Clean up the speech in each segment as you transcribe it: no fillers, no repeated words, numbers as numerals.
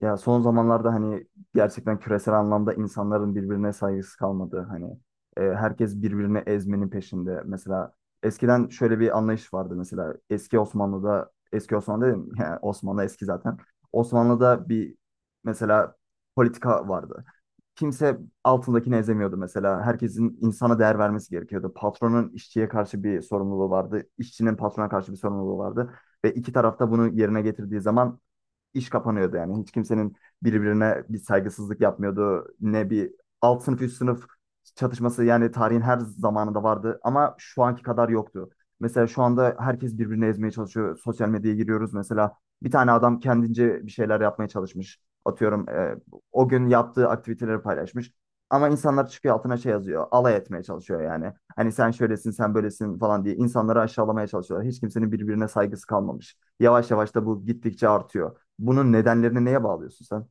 Ya son zamanlarda hani gerçekten küresel anlamda insanların birbirine saygısı kalmadı. Herkes birbirini ezmenin peşinde. Mesela eskiden şöyle bir anlayış vardı, mesela eski Osmanlı'da. Eski Osmanlı dedim, yani Osmanlı eski zaten. Osmanlı'da bir mesela politika vardı. Kimse altındakini ezemiyordu mesela. Herkesin insana değer vermesi gerekiyordu. Patronun işçiye karşı bir sorumluluğu vardı. İşçinin patrona karşı bir sorumluluğu vardı. Ve iki taraf da bunu yerine getirdiği zaman iş kapanıyordu yani. Hiç kimsenin birbirine bir saygısızlık yapmıyordu. Ne bir alt sınıf üst sınıf çatışması, yani tarihin her zamanında vardı ama şu anki kadar yoktu. Mesela şu anda herkes birbirini ezmeye çalışıyor. Sosyal medyaya giriyoruz mesela. Bir tane adam kendince bir şeyler yapmaya çalışmış. Atıyorum, o gün yaptığı aktiviteleri paylaşmış. Ama insanlar çıkıyor altına şey yazıyor. Alay etmeye çalışıyor yani. Hani sen şöylesin, sen böylesin falan diye insanları aşağılamaya çalışıyorlar. Hiç kimsenin birbirine saygısı kalmamış. Yavaş yavaş da bu gittikçe artıyor. Bunun nedenlerini neye bağlıyorsun sen?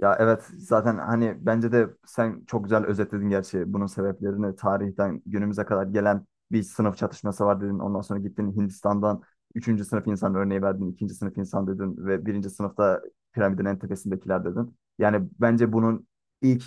Ya evet, zaten hani bence de sen çok güzel özetledin. Gerçi bunun sebeplerini tarihten günümüze kadar gelen bir sınıf çatışması var dedin. Ondan sonra gittin Hindistan'dan üçüncü sınıf insan örneği verdin, ikinci sınıf insan dedin ve birinci sınıfta piramidin en tepesindekiler dedin. Yani bence bunun ilk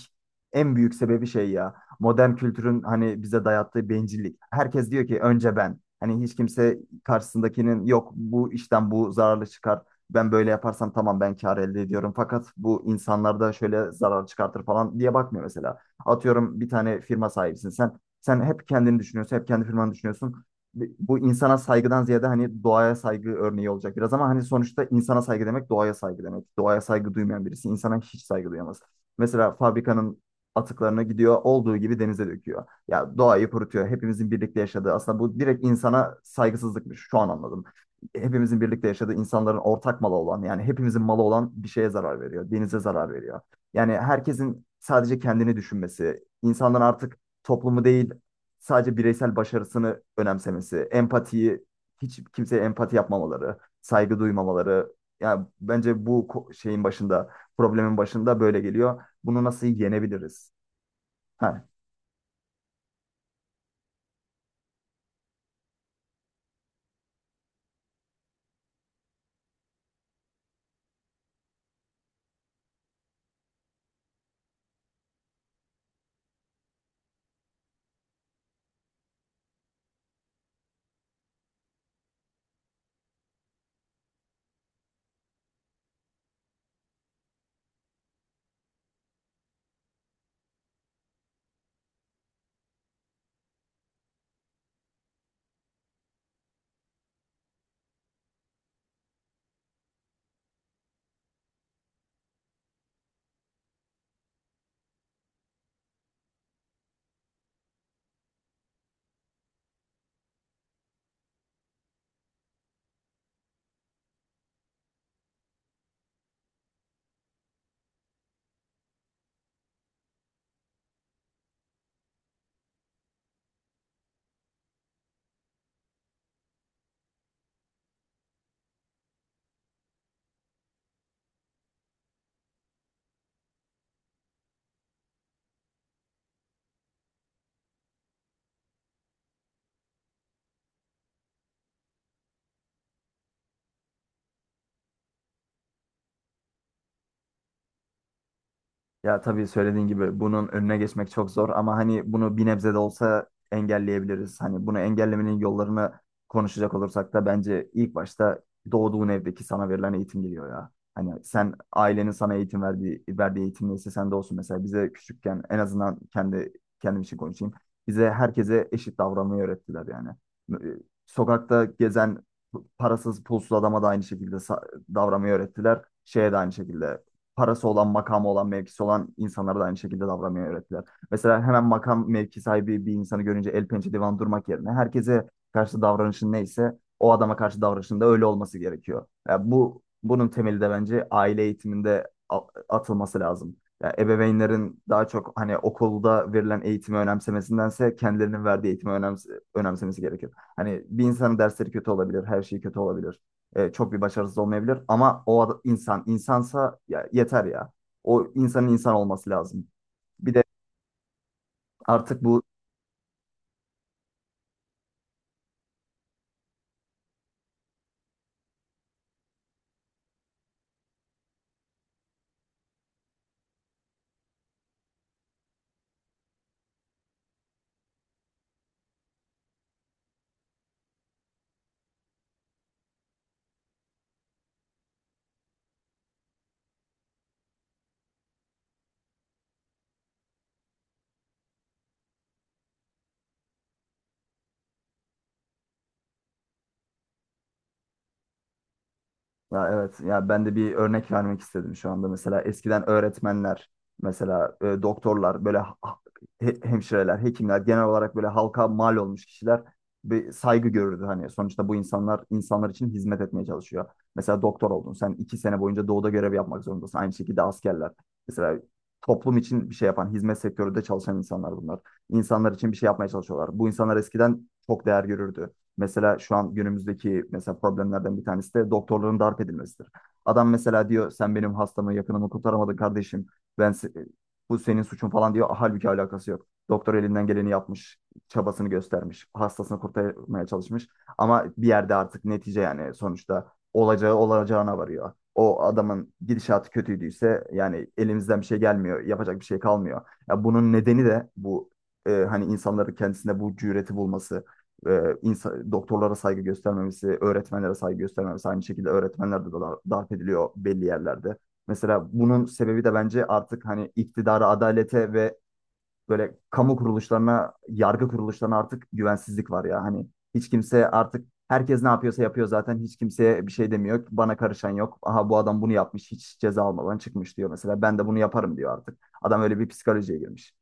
en büyük sebebi şey, ya modern kültürün hani bize dayattığı bencillik. Herkes diyor ki önce ben. Hani hiç kimse karşısındakinin yok, bu işten bu zararlı çıkar, ben böyle yaparsam tamam ben kar elde ediyorum fakat bu insanlarda şöyle zarar çıkartır falan diye bakmıyor mesela. Atıyorum bir tane firma sahibisin sen. Sen hep kendini düşünüyorsun, hep kendi firmanı düşünüyorsun. Bu insana saygıdan ziyade hani doğaya saygı örneği olacak biraz ama hani sonuçta insana saygı demek doğaya saygı demek. Doğaya saygı duymayan birisi insana hiç saygı duyamaz. Mesela fabrikanın atıklarını gidiyor olduğu gibi denize döküyor. Ya doğayı kurutuyor. Hepimizin birlikte yaşadığı, aslında bu direkt insana saygısızlıkmış. Şu an anladım, hepimizin birlikte yaşadığı, insanların ortak malı olan, yani hepimizin malı olan bir şeye zarar veriyor. Denize zarar veriyor. Yani herkesin sadece kendini düşünmesi, insanların artık toplumu değil sadece bireysel başarısını önemsemesi, empatiyi, hiç kimseye empati yapmamaları, saygı duymamaları. Yani bence bu şeyin başında, problemin başında böyle geliyor. Bunu nasıl yenebiliriz? Ha. Ya tabii söylediğin gibi bunun önüne geçmek çok zor ama hani bunu bir nebze de olsa engelleyebiliriz. Hani bunu engellemenin yollarını konuşacak olursak da bence ilk başta doğduğun evdeki sana verilen eğitim geliyor ya. Hani sen ailenin sana eğitim verdiği, verdiği eğitim neyse sende olsun. Mesela bize küçükken, en azından kendi kendim için konuşayım, bize herkese eşit davranmayı öğrettiler yani. Ee, Sokakta gezen parasız pulsuz adama da aynı şekilde davranmayı öğrettiler. Şeye de aynı şekilde, parası olan, makamı olan, mevkisi olan insanlara da aynı şekilde davranmayı öğrettiler. Mesela hemen makam mevki sahibi bir insanı görünce el pençe divan durmak yerine, herkese karşı davranışın neyse o adama karşı davranışın da öyle olması gerekiyor. Ya bu, bunun temeli de bence aile eğitiminde atılması lazım. Ya ebeveynlerin daha çok hani okulda verilen eğitimi önemsemesindense kendilerinin verdiği eğitimi önemsemesi gerekiyor. Hani bir insanın dersleri kötü olabilir, her şey kötü olabilir. Çok bir başarısız olmayabilir ama o insan insansa ya, yeter ya. O insanın insan olması lazım. Bir de artık bu, ya evet ya, ben de bir örnek vermek istedim. Şu anda mesela eskiden öğretmenler, mesela doktorlar, böyle hemşireler, hekimler, genel olarak böyle halka mal olmuş kişiler bir saygı görürdü. Hani sonuçta bu insanlar insanlar için hizmet etmeye çalışıyor. Mesela doktor oldun, sen iki sene boyunca doğuda görev yapmak zorundasın. Aynı şekilde askerler, mesela toplum için bir şey yapan hizmet sektöründe çalışan insanlar bunlar. İnsanlar için bir şey yapmaya çalışıyorlar. Bu insanlar eskiden çok değer görürdü. Mesela şu an günümüzdeki mesela problemlerden bir tanesi de doktorların darp edilmesidir. Adam mesela diyor sen benim hastamı, yakınımı kurtaramadın kardeşim. Ben se- Bu senin suçun falan diyor. Halbuki alakası yok. Doktor elinden geleni yapmış, çabasını göstermiş, hastasını kurtarmaya çalışmış. Ama bir yerde artık netice, yani sonuçta olacağı olacağına varıyor. O adamın gidişatı kötüydüyse, yani elimizden bir şey gelmiyor, yapacak bir şey kalmıyor. Ya bunun nedeni de bu hani insanların kendisinde bu cüreti bulması, e, doktorlara saygı göstermemesi, öğretmenlere saygı göstermemesi. Aynı şekilde öğretmenler de darp ediliyor belli yerlerde. Mesela bunun sebebi de bence artık hani iktidara, adalete ve böyle kamu kuruluşlarına, yargı kuruluşlarına artık güvensizlik var ya. Hani hiç kimse artık, herkes ne yapıyorsa yapıyor zaten. Hiç kimseye bir şey demiyor. Bana karışan yok. Aha bu adam bunu yapmış, hiç ceza almadan çıkmış diyor mesela. Ben de bunu yaparım diyor artık. Adam öyle bir psikolojiye girmiş.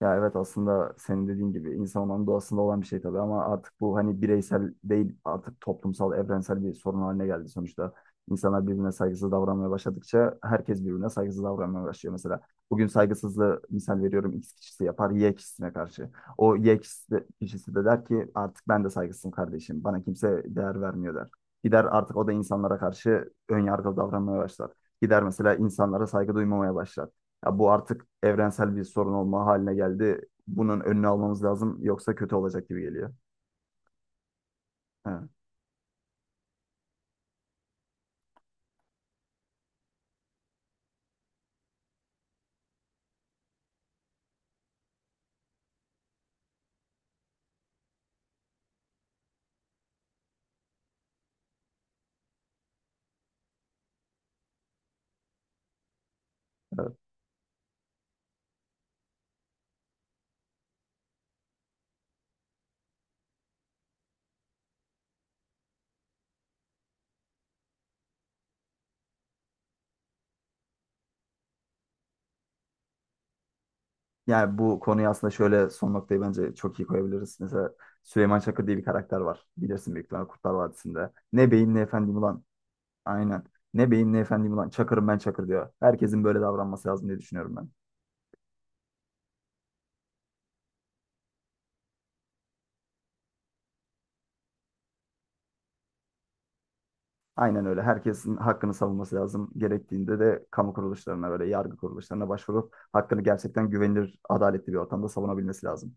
Ya evet, aslında senin dediğin gibi insan olmanın doğasında olan bir şey tabii, ama artık bu hani bireysel değil, artık toplumsal, evrensel bir sorun haline geldi sonuçta. İnsanlar birbirine saygısız davranmaya başladıkça herkes birbirine saygısız davranmaya başlıyor mesela. Bugün saygısızlığı misal veriyorum, X kişisi yapar Y kişisine karşı. O Y kişisi de der ki artık ben de saygısızım kardeşim, bana kimse değer vermiyor der. Gider artık o da insanlara karşı ön yargılı davranmaya başlar. Gider mesela insanlara saygı duymamaya başlar. Ya bu artık evrensel bir sorun olma haline geldi. Bunun önünü almamız lazım yoksa kötü olacak gibi geliyor. He. Evet. Yani bu konuyu aslında şöyle, son noktayı bence çok iyi koyabiliriz. Mesela Süleyman Çakır diye bir karakter var, bilirsin büyük ihtimalle, Kurtlar Vadisi'nde. Ne beyim ne efendim ulan. Aynen. Ne beyim ne efendim ulan. Çakırım ben, Çakır diyor. Herkesin böyle davranması lazım diye düşünüyorum ben. Aynen öyle. Herkesin hakkını savunması lazım. Gerektiğinde de kamu kuruluşlarına, böyle yargı kuruluşlarına başvurup hakkını gerçekten güvenilir, adaletli bir ortamda savunabilmesi lazım.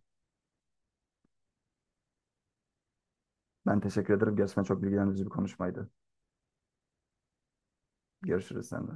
Ben teşekkür ederim. Gerçekten çok bilgilendirici bir konuşmaydı. Görüşürüz seninle.